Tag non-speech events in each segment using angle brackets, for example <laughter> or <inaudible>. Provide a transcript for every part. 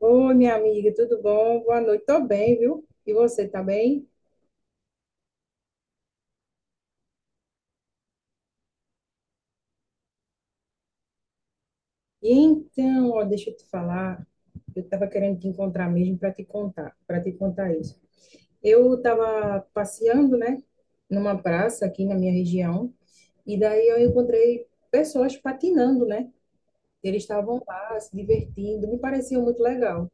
Oi, minha amiga, tudo bom? Boa noite. Tô bem, viu? E você, tá bem? E então, ó, deixa eu te falar, eu tava querendo te encontrar mesmo para te contar, isso. Eu tava passeando, né, numa praça aqui na minha região, e daí eu encontrei pessoas patinando, né? Eles estavam lá se divertindo, me parecia muito legal.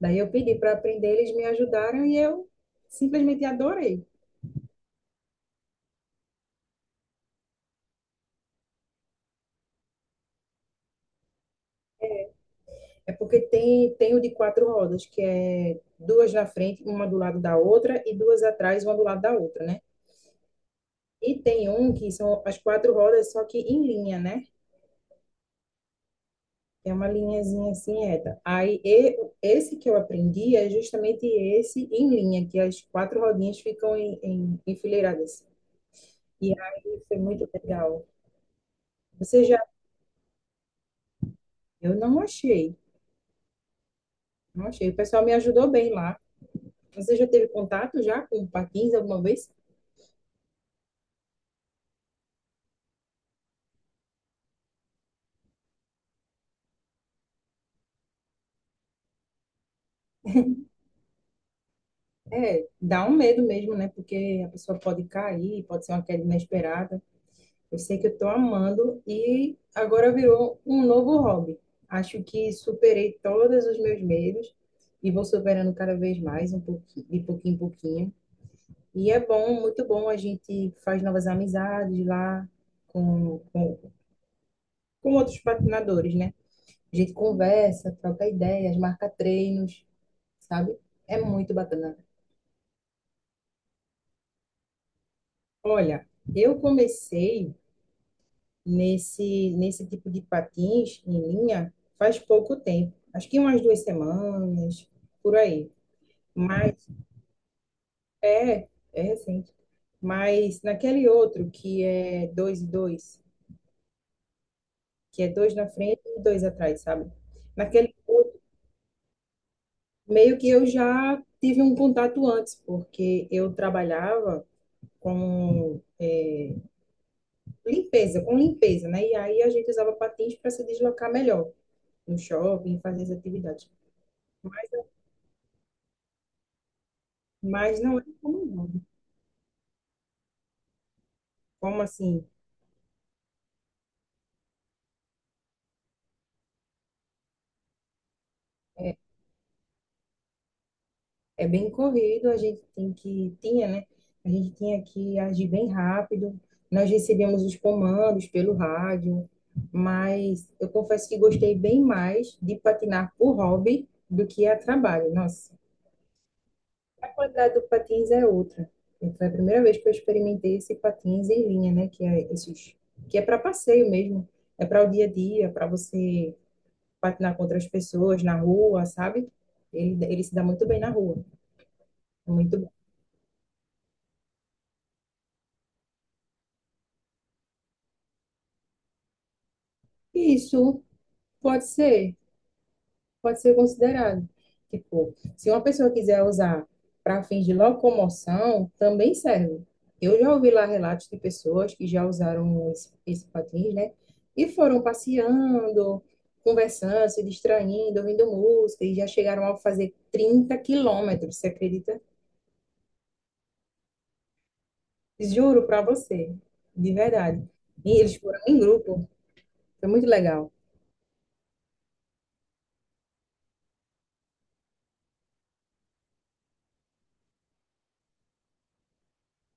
Daí eu pedi para aprender, eles me ajudaram e eu simplesmente adorei. É porque tem o de quatro rodas, que é duas na frente, uma do lado da outra, e duas atrás, uma do lado da outra, né? E tem um que são as quatro rodas, só que em linha, né? É uma linhazinha assim reta. Esse que eu aprendi é justamente esse em linha, que as quatro rodinhas ficam enfileiradas. E aí foi muito legal. Você já? Eu não achei, não achei. O pessoal me ajudou bem lá. Você já teve contato já com patins alguma vez? É, dá um medo mesmo, né? Porque a pessoa pode cair, pode ser uma queda inesperada. Eu sei que eu tô amando e agora virou um novo hobby. Acho que superei todos os meus medos e vou superando cada vez mais, um pouquinho, de pouquinho em pouquinho. E é bom, muito bom. A gente faz novas amizades lá com, com, com outros patinadores, né? A gente conversa, troca ideias, marca treinos, sabe? É muito bacana. Olha, eu comecei nesse tipo de patins em linha faz pouco tempo. Acho que umas duas semanas, por aí. Mas é, é recente. Mas naquele outro que é dois e dois, que é dois na frente e dois atrás, sabe? Naquele outro, meio que eu já tive um contato antes, porque eu trabalhava com limpeza, né? E aí a gente usava patins para se deslocar melhor no shopping, fazer as atividades. Mas não é comum, não. Como assim, é bem corrido, a gente tem que, tinha, né? A gente tinha que agir bem rápido. Nós recebemos os comandos pelo rádio, mas eu confesso que gostei bem mais de patinar por hobby do que a trabalho. Nossa, a qualidade do patins é outra. Foi a primeira vez que eu experimentei esse patins em linha, né? Que é esses, que é para passeio mesmo, é para o dia a dia, para você patinar com outras pessoas na rua, sabe? Ele se dá muito bem na rua, é muito. Isso pode ser, pode ser considerado. Tipo, se uma pessoa quiser usar para fins de locomoção, também serve. Eu já ouvi lá relatos de pessoas que já usaram esse patins, né? E foram passeando, conversando, se distraindo, ouvindo música, e já chegaram a fazer 30 km, você acredita? Juro para você, de verdade. E eles foram em grupo, foi muito legal.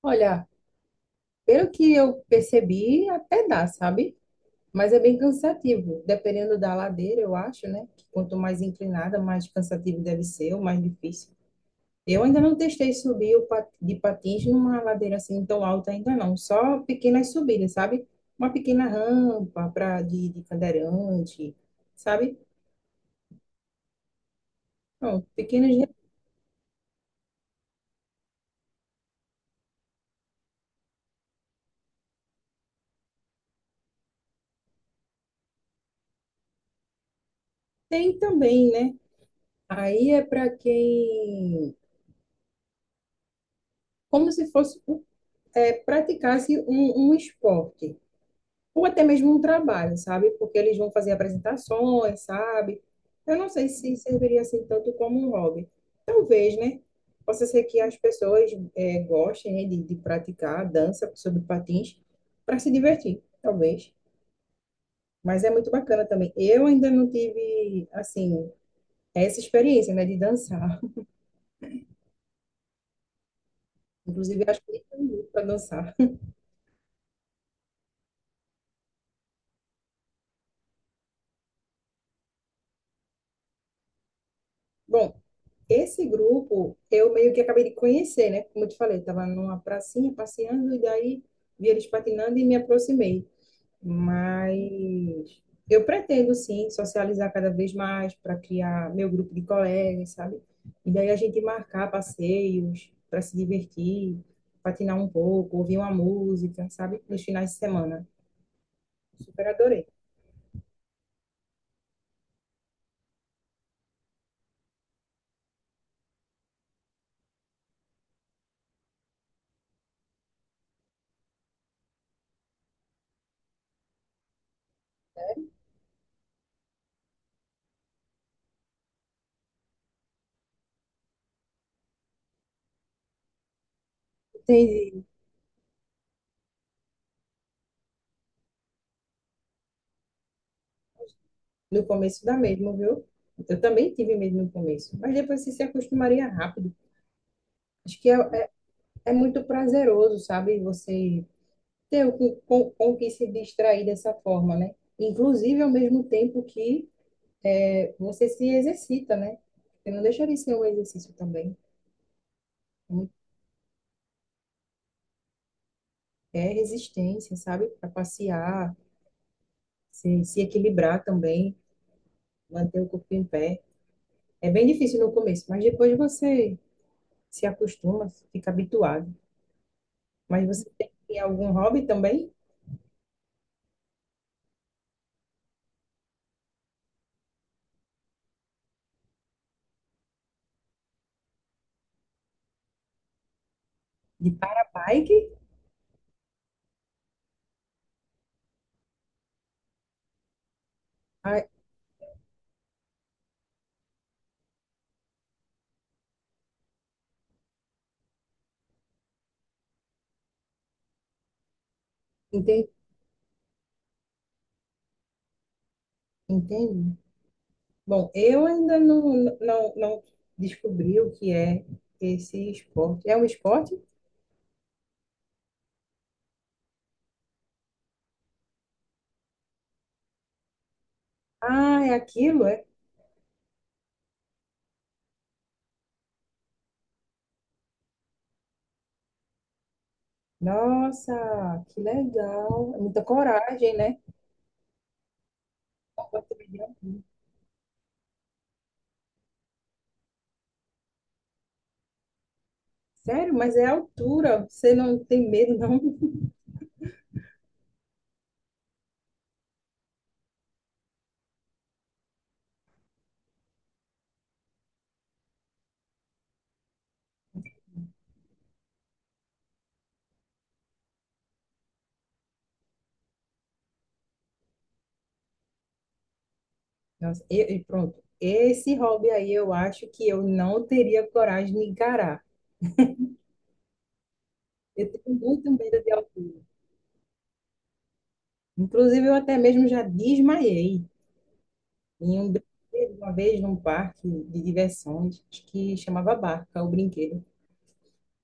Olha, pelo que eu percebi, até dá, sabe? Mas é bem cansativo, dependendo da ladeira, eu acho, né? Que quanto mais inclinada, mais cansativo deve ser, ou mais difícil. Eu ainda não testei subir de patins numa ladeira assim tão alta ainda não, só pequenas subidas, sabe? Uma pequena rampa para de cadeirante, sabe? Não, pequenos tem também, né? Aí é para quem, como se fosse praticasse um esporte, ou até mesmo um trabalho, sabe? Porque eles vão fazer apresentações, sabe? Eu não sei se serviria assim tanto como um hobby. Talvez, né? Possa ser que as pessoas gostem, né, de praticar a dança sobre patins para se divertir, talvez. Mas é muito bacana também. Eu ainda não tive, assim, essa experiência, né, de dançar. <laughs> Inclusive, acho que nem tenho muito para dançar. Bom, esse grupo, eu meio que acabei de conhecer, né? Como eu te falei, estava numa pracinha passeando e daí vi eles patinando e me aproximei. Mas eu pretendo, sim, socializar cada vez mais para criar meu grupo de colegas, sabe? E daí a gente marcar passeios para se divertir, patinar um pouco, ouvir uma música, sabe? Nos finais de semana. Super adorei. Entendi. No começo dá mesmo, viu? Eu também tive medo no começo, mas depois você se acostumaria rápido. Acho que é, é muito prazeroso, sabe? Você ter o que, com o que se distrair dessa forma, né? Inclusive, ao mesmo tempo que é, você se exercita, né? Porque não deixa de ser um exercício também. É muito, é resistência, sabe? Para passear, se equilibrar também, manter o corpo em pé. É bem difícil no começo, mas depois você se acostuma, fica habituado. Mas você tem algum hobby também? De para-bike? Ah, entendi. Entende? Bom, eu ainda não descobri o que é esse esporte. É um esporte? Ah, é aquilo, é? Nossa, que legal. É muita coragem, né? Sério, mas é a altura. Você não tem medo, não? Nossa, e pronto. Esse hobby aí eu acho que eu não teria coragem de encarar. Eu tenho muito medo de altura. Inclusive, eu até mesmo já desmaiei. E um brinquedo, uma vez, num parque de diversões, acho que chamava Barca, o brinquedo.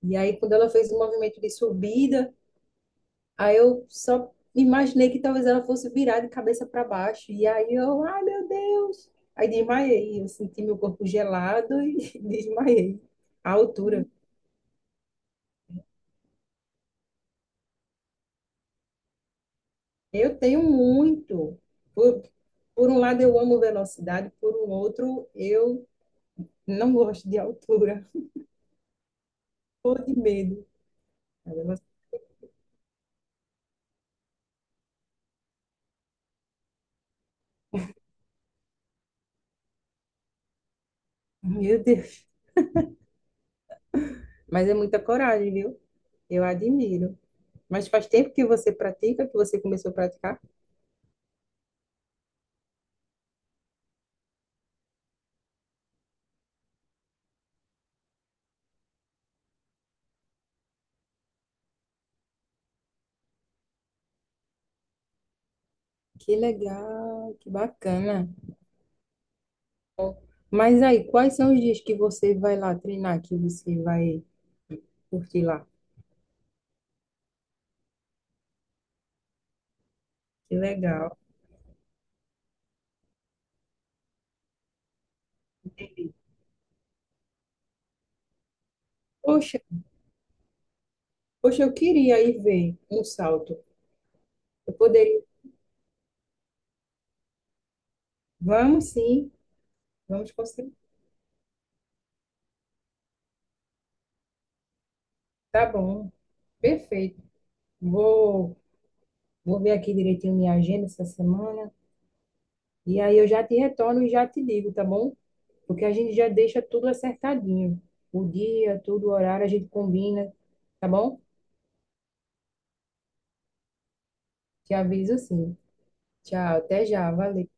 E aí, quando ela fez o movimento de subida, aí eu só imaginei que talvez ela fosse virar de cabeça para baixo. E aí eu, ai meu Deus! Aí desmaiei, eu senti meu corpo gelado e <laughs> desmaiei. A altura. Eu tenho muito. Por, por um lado, eu amo velocidade, por um outro, eu não gosto de altura, ou de medo. Aí eu, meu Deus! Mas é muita coragem, viu? Eu admiro. Mas faz tempo que você pratica, que você começou a praticar? Que legal, que bacana. Mas aí, quais são os dias que você vai lá treinar, que você vai curtir lá? Que legal. Entendi. Poxa, poxa, eu queria ir ver um salto. Eu poderia. Vamos sim, vamos conseguir. Tá bom, perfeito. Vou Vou ver aqui direitinho minha agenda essa semana. E aí eu já te retorno e já te digo, tá bom? Porque a gente já deixa tudo acertadinho. O dia, tudo, o horário, a gente combina, tá bom? Te aviso sim. Tchau, até já, valeu.